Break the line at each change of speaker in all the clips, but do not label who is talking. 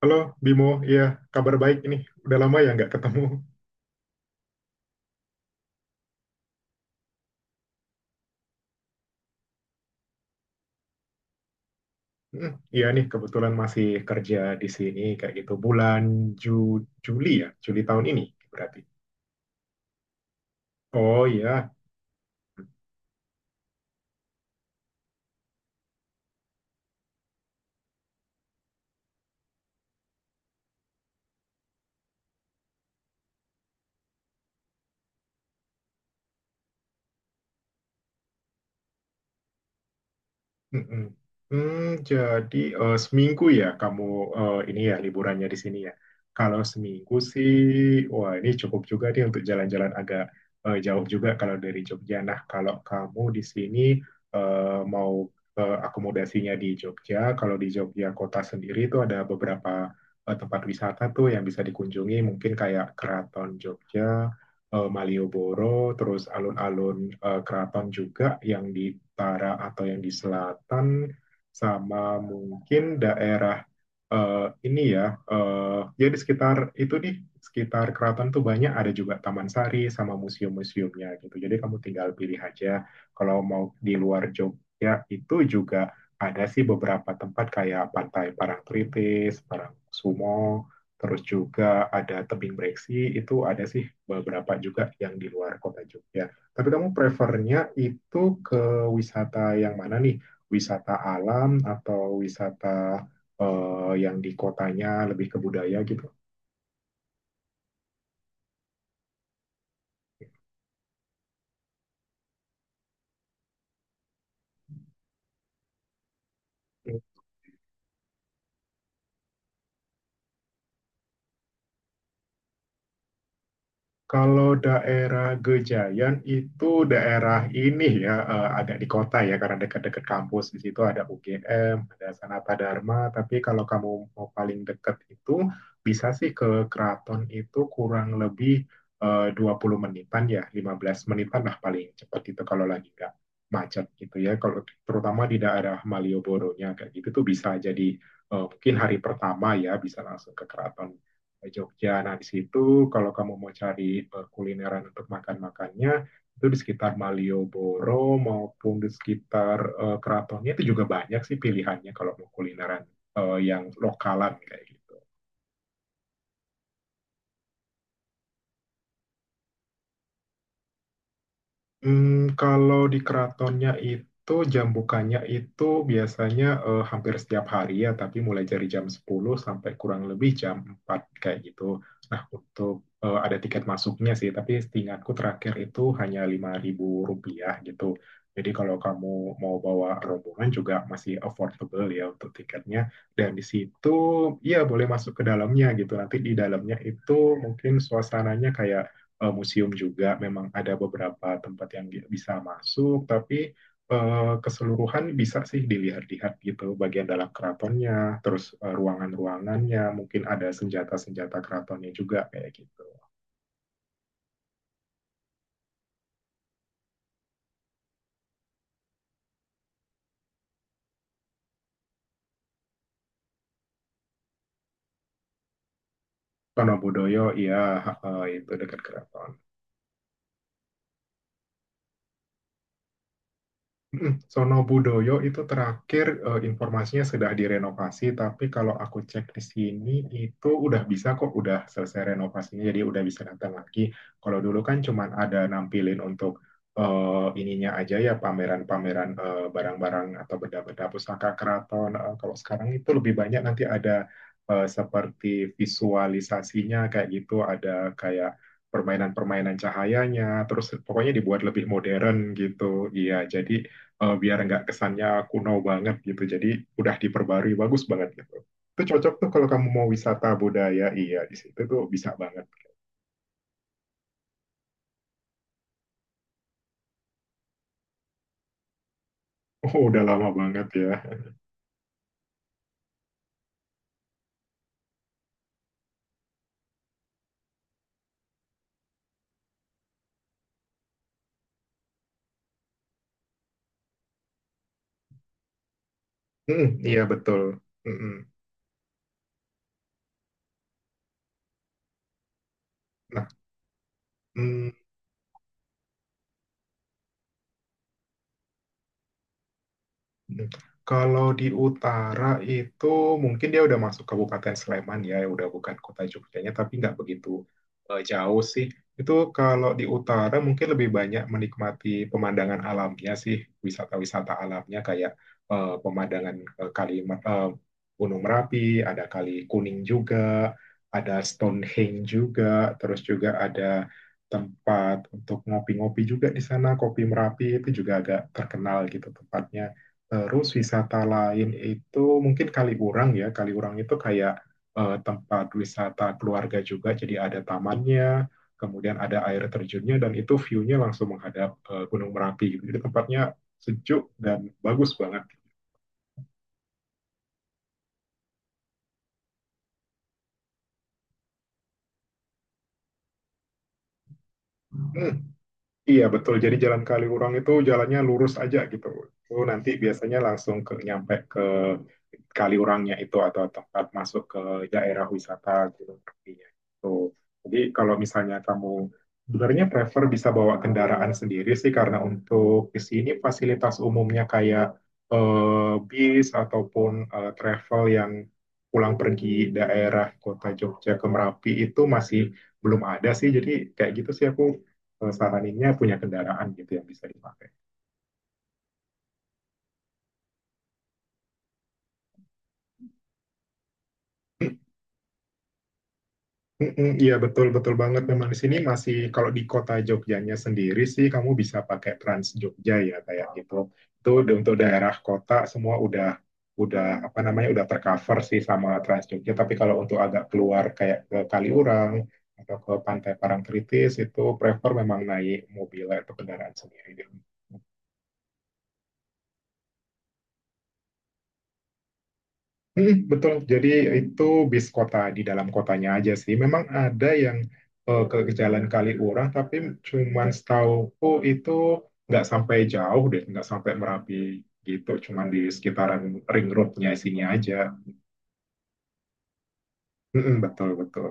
Halo Bimo, iya kabar baik ini. Udah lama ya nggak ketemu. Hmm, iya nih kebetulan masih kerja di sini kayak gitu bulan Juli ya, Juli tahun ini berarti. Oh, iya. Mm-mm. Jadi seminggu ya kamu ini ya liburannya di sini ya. Kalau seminggu sih, wah ini cukup juga nih untuk jalan-jalan agak jauh juga kalau dari Jogja. Nah, kalau kamu di sini mau akomodasinya di Jogja, kalau di Jogja kota sendiri itu ada beberapa tempat wisata tuh yang bisa dikunjungi, mungkin kayak Keraton Jogja, Malioboro, terus alun-alun keraton juga yang di utara atau yang di selatan, sama mungkin daerah ini ya, ya di sekitar itu nih, sekitar keraton tuh banyak ada juga Taman Sari sama museum-museumnya gitu. Jadi kamu tinggal pilih aja kalau mau di luar Jogja itu juga ada sih beberapa tempat kayak Pantai Parangtritis, Parangsumo, terus juga ada tebing breksi, itu ada sih beberapa juga yang di luar kota Jogja. Tapi kamu prefernya itu ke wisata yang mana nih? Wisata alam atau wisata yang di kotanya lebih ke budaya gitu? Kalau daerah Gejayan itu daerah ini ya, agak di kota ya, karena dekat-dekat kampus di situ ada UGM, ada Sanata Dharma, tapi kalau kamu mau paling dekat itu bisa sih ke Keraton itu kurang lebih 20 menitan ya, 15 menitan lah paling cepat itu kalau lagi nggak macet gitu ya. Kalau terutama di daerah Malioboro-nya kayak gitu tuh bisa jadi mungkin hari pertama ya bisa langsung ke Keraton ke Jogja. Nah, di situ kalau kamu mau cari kulineran untuk makan-makannya, itu di sekitar Malioboro maupun di sekitar keratonnya itu juga banyak sih pilihannya kalau mau kulineran yang lokalan kayak gitu. Kalau di keratonnya itu jam bukanya itu biasanya hampir setiap hari ya, tapi mulai dari jam 10 sampai kurang lebih jam 4 kayak gitu. Nah, untuk ada tiket masuknya sih, tapi setingatku terakhir itu hanya Rp5.000 gitu. Jadi kalau kamu mau bawa rombongan juga masih affordable ya untuk tiketnya. Dan di situ ya boleh masuk ke dalamnya gitu. Nanti di dalamnya itu mungkin suasananya kayak museum juga memang ada beberapa tempat yang bisa masuk, tapi keseluruhan bisa sih dilihat-lihat gitu bagian dalam keratonnya, terus ruangan-ruangannya, mungkin ada senjata-senjata keratonnya juga kayak gitu. Wonobudoyo, iya itu dekat keraton. Sono Budoyo itu terakhir informasinya sudah direnovasi, tapi kalau aku cek di sini itu udah bisa kok, udah selesai renovasinya, jadi udah bisa datang lagi. Kalau dulu kan cuman ada nampilin untuk ininya aja ya, pameran-pameran barang-barang atau benda-benda pusaka keraton. Kalau sekarang itu lebih banyak nanti ada seperti visualisasinya kayak gitu, ada kayak permainan-permainan cahayanya, terus pokoknya dibuat lebih modern gitu. Iya, jadi biar nggak kesannya kuno banget gitu. Jadi udah diperbarui bagus banget gitu. Itu cocok tuh kalau kamu mau wisata budaya, iya di situ tuh bisa banget. Oh, udah lama banget ya. Hmm, iya betul. Mm-mm. Nah, mm, Hmm. kalau di utara itu mungkin dia udah masuk Kabupaten Sleman ya, ya udah bukan kota Jogjanya, tapi nggak begitu jauh sih. Itu kalau di utara mungkin lebih banyak menikmati pemandangan alamnya sih, wisata-wisata alamnya kayak pemandangan kali eh, Gunung Merapi, ada Kali Kuning juga, ada Stonehenge juga, terus juga ada tempat untuk ngopi-ngopi juga di sana, Kopi Merapi itu juga agak terkenal gitu tempatnya. Terus wisata lain itu mungkin Kaliurang ya. Kaliurang itu kayak tempat wisata keluarga juga. Jadi ada tamannya, kemudian ada air terjunnya dan itu view-nya langsung menghadap Gunung Merapi gitu. Jadi tempatnya sejuk dan bagus banget. Hmm, iya betul. Jadi jalan Kaliurang itu jalannya lurus aja gitu. Itu nanti biasanya langsung ke nyampe ke Kaliurangnya itu atau tempat masuk ke daerah wisata Gunung Tepinya. Tuh. Jadi kalau misalnya kamu sebenarnya prefer bisa bawa kendaraan sendiri sih karena untuk di sini fasilitas umumnya kayak bis ataupun travel yang pulang pergi daerah kota Jogja ke Merapi itu masih belum ada sih. Jadi kayak gitu sih aku saraninnya punya kendaraan gitu yang bisa dipakai. Iya betul betul banget, memang di sini masih kalau di kota Jogjanya sendiri sih kamu bisa pakai Trans Jogja ya kayak gitu. Itu untuk daerah kota semua udah apa namanya udah tercover sih sama Trans Jogja. Tapi kalau untuk agak keluar kayak ke Kaliurang atau ke Pantai Parangtritis itu prefer memang naik mobil atau kendaraan sendiri. Mm, betul. Jadi itu bis kota di dalam kotanya aja sih. Memang ada yang ke Jalan Kaliurang, tapi cuman setauku itu nggak sampai jauh deh, nggak sampai Merapi gitu. Cuman di sekitaran ring roadnya sini aja. Mm, betul betul.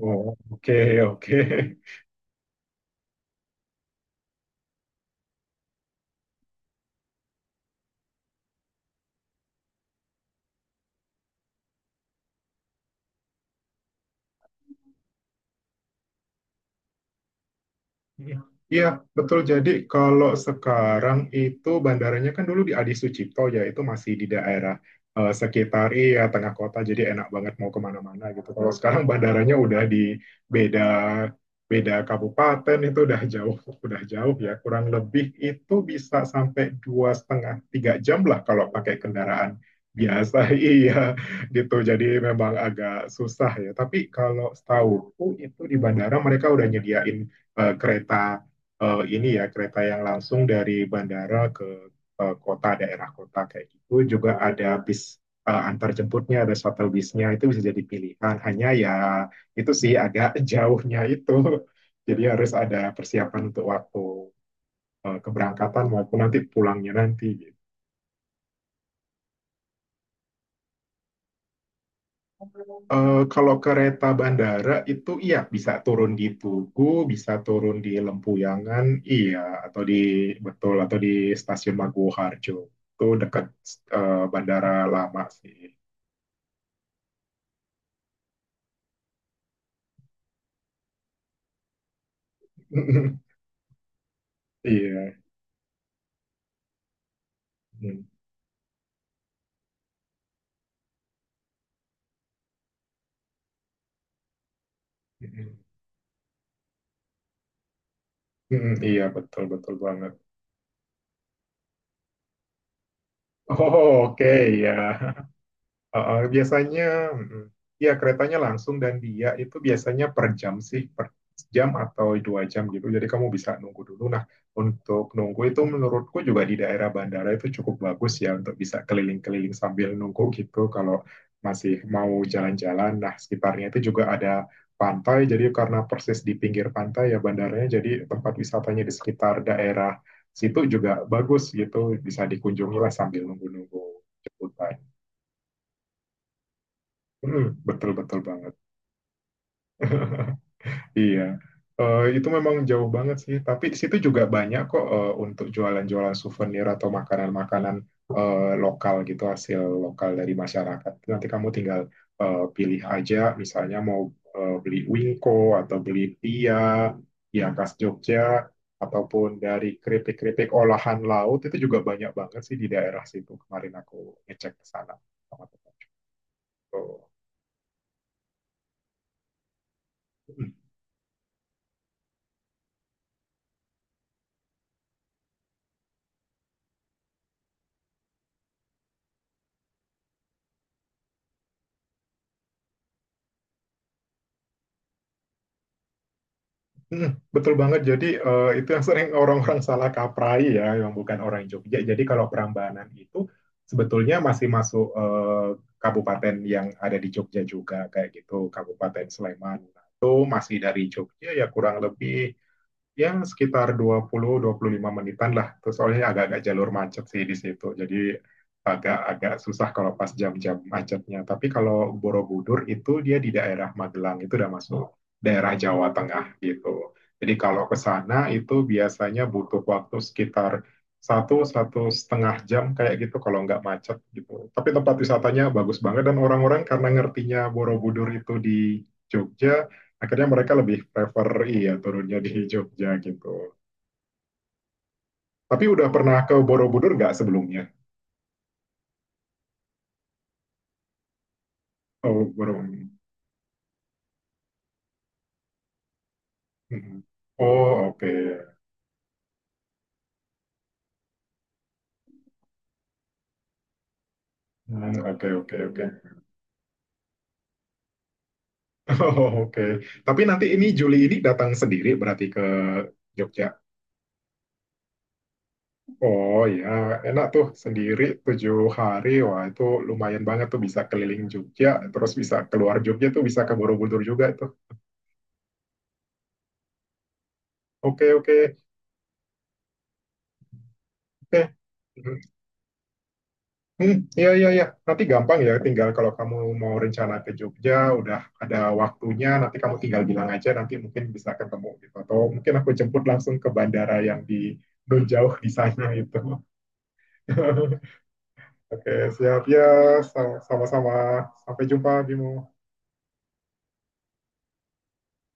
Oh, oke oke. Iya, betul. Jadi kalau sekarang itu bandaranya kan dulu di Adi Sucipto ya, itu masih di daerah sekitar iya tengah kota, jadi enak banget mau kemana-mana gitu. Kalau sekarang bandaranya udah di beda beda kabupaten, itu udah jauh ya. Kurang lebih itu bisa sampai dua setengah tiga jam lah kalau pakai kendaraan biasa, iya gitu. Jadi memang agak susah ya. Tapi kalau setahuku itu di bandara mereka udah nyediain kereta ini ya kereta yang langsung dari bandara ke kota daerah kota kayak gitu juga ada bis antar jemputnya, ada shuttle bisnya itu bisa jadi pilihan, hanya ya itu sih agak jauhnya itu jadi harus ada persiapan untuk waktu keberangkatan maupun nanti pulangnya nanti. Kalau kereta bandara itu iya bisa turun di Tugu, bisa turun di Lempuyangan, iya, atau di betul, atau di Stasiun Maguwoharjo. Itu dekat bandara lama sih. Iya. Mm, mm, mm, mm, iya betul betul banget. Oh, oke ya. Biasanya mm, ya keretanya langsung, dan dia itu biasanya per jam sih, per jam atau 2 jam gitu, jadi kamu bisa nunggu dulu. Nah, untuk nunggu itu menurutku juga di daerah bandara itu cukup bagus ya untuk bisa keliling-keliling sambil nunggu gitu kalau masih mau jalan-jalan. Nah, sekitarnya itu juga ada pantai, jadi karena persis di pinggir pantai ya bandaranya, jadi tempat wisatanya di sekitar daerah situ juga bagus gitu, bisa dikunjungi lah sambil nunggu-nunggu jemputan. Hmm, betul betul banget. Iya. Itu memang jauh banget sih, tapi di situ juga banyak kok untuk jualan-jualan souvenir atau makanan-makanan lokal gitu, hasil lokal dari masyarakat. Nanti kamu tinggal pilih aja, misalnya mau beli wingko atau beli pia, ya khas Jogja, ataupun dari keripik-keripik olahan laut itu juga banyak banget sih di daerah situ. Kemarin aku ngecek ke sana sama teman. Tuh. Mm, betul banget. Jadi itu yang sering orang-orang salah kaprai ya, yang bukan orang Jogja. Jadi kalau Prambanan itu sebetulnya masih masuk kabupaten yang ada di Jogja juga kayak gitu, Kabupaten Sleman. Nah, itu masih dari Jogja ya kurang lebih ya sekitar dua 20 sampai 25 menitan lah. Terus soalnya agak-agak jalur macet sih di situ. Jadi agak-agak susah kalau pas jam-jam macetnya. Tapi kalau Borobudur itu dia di daerah Magelang itu udah masuk daerah Jawa Tengah gitu. Jadi kalau ke sana itu biasanya butuh waktu sekitar satu 1,5 jam kayak gitu kalau nggak macet gitu. Tapi tempat wisatanya bagus banget, dan orang-orang karena ngertinya Borobudur itu di Jogja, akhirnya mereka lebih prefer iya turunnya di Jogja gitu. Tapi udah pernah ke Borobudur nggak sebelumnya? Oh, belum. Mm-mm. Oh, oke. Hmm, oke, oke, oke. Oh, oke. Tapi nanti ini Juli ini datang sendiri berarti ke Jogja. Oh ya, enak tuh sendiri 7 hari. Wah, itu lumayan banget tuh bisa keliling Jogja, terus bisa keluar Jogja tuh bisa ke Borobudur juga tuh. Oke, oke. Oke. Hmm, iya, iya, iya. Nanti gampang ya, tinggal kalau kamu mau rencana ke Jogja, udah ada waktunya, nanti kamu tinggal bilang aja, nanti mungkin bisa ketemu gitu. Atau mungkin aku jemput langsung ke bandara yang di non jauh di sana gitu. Oke, siap ya. Sama-sama. Sampai jumpa, Bimo.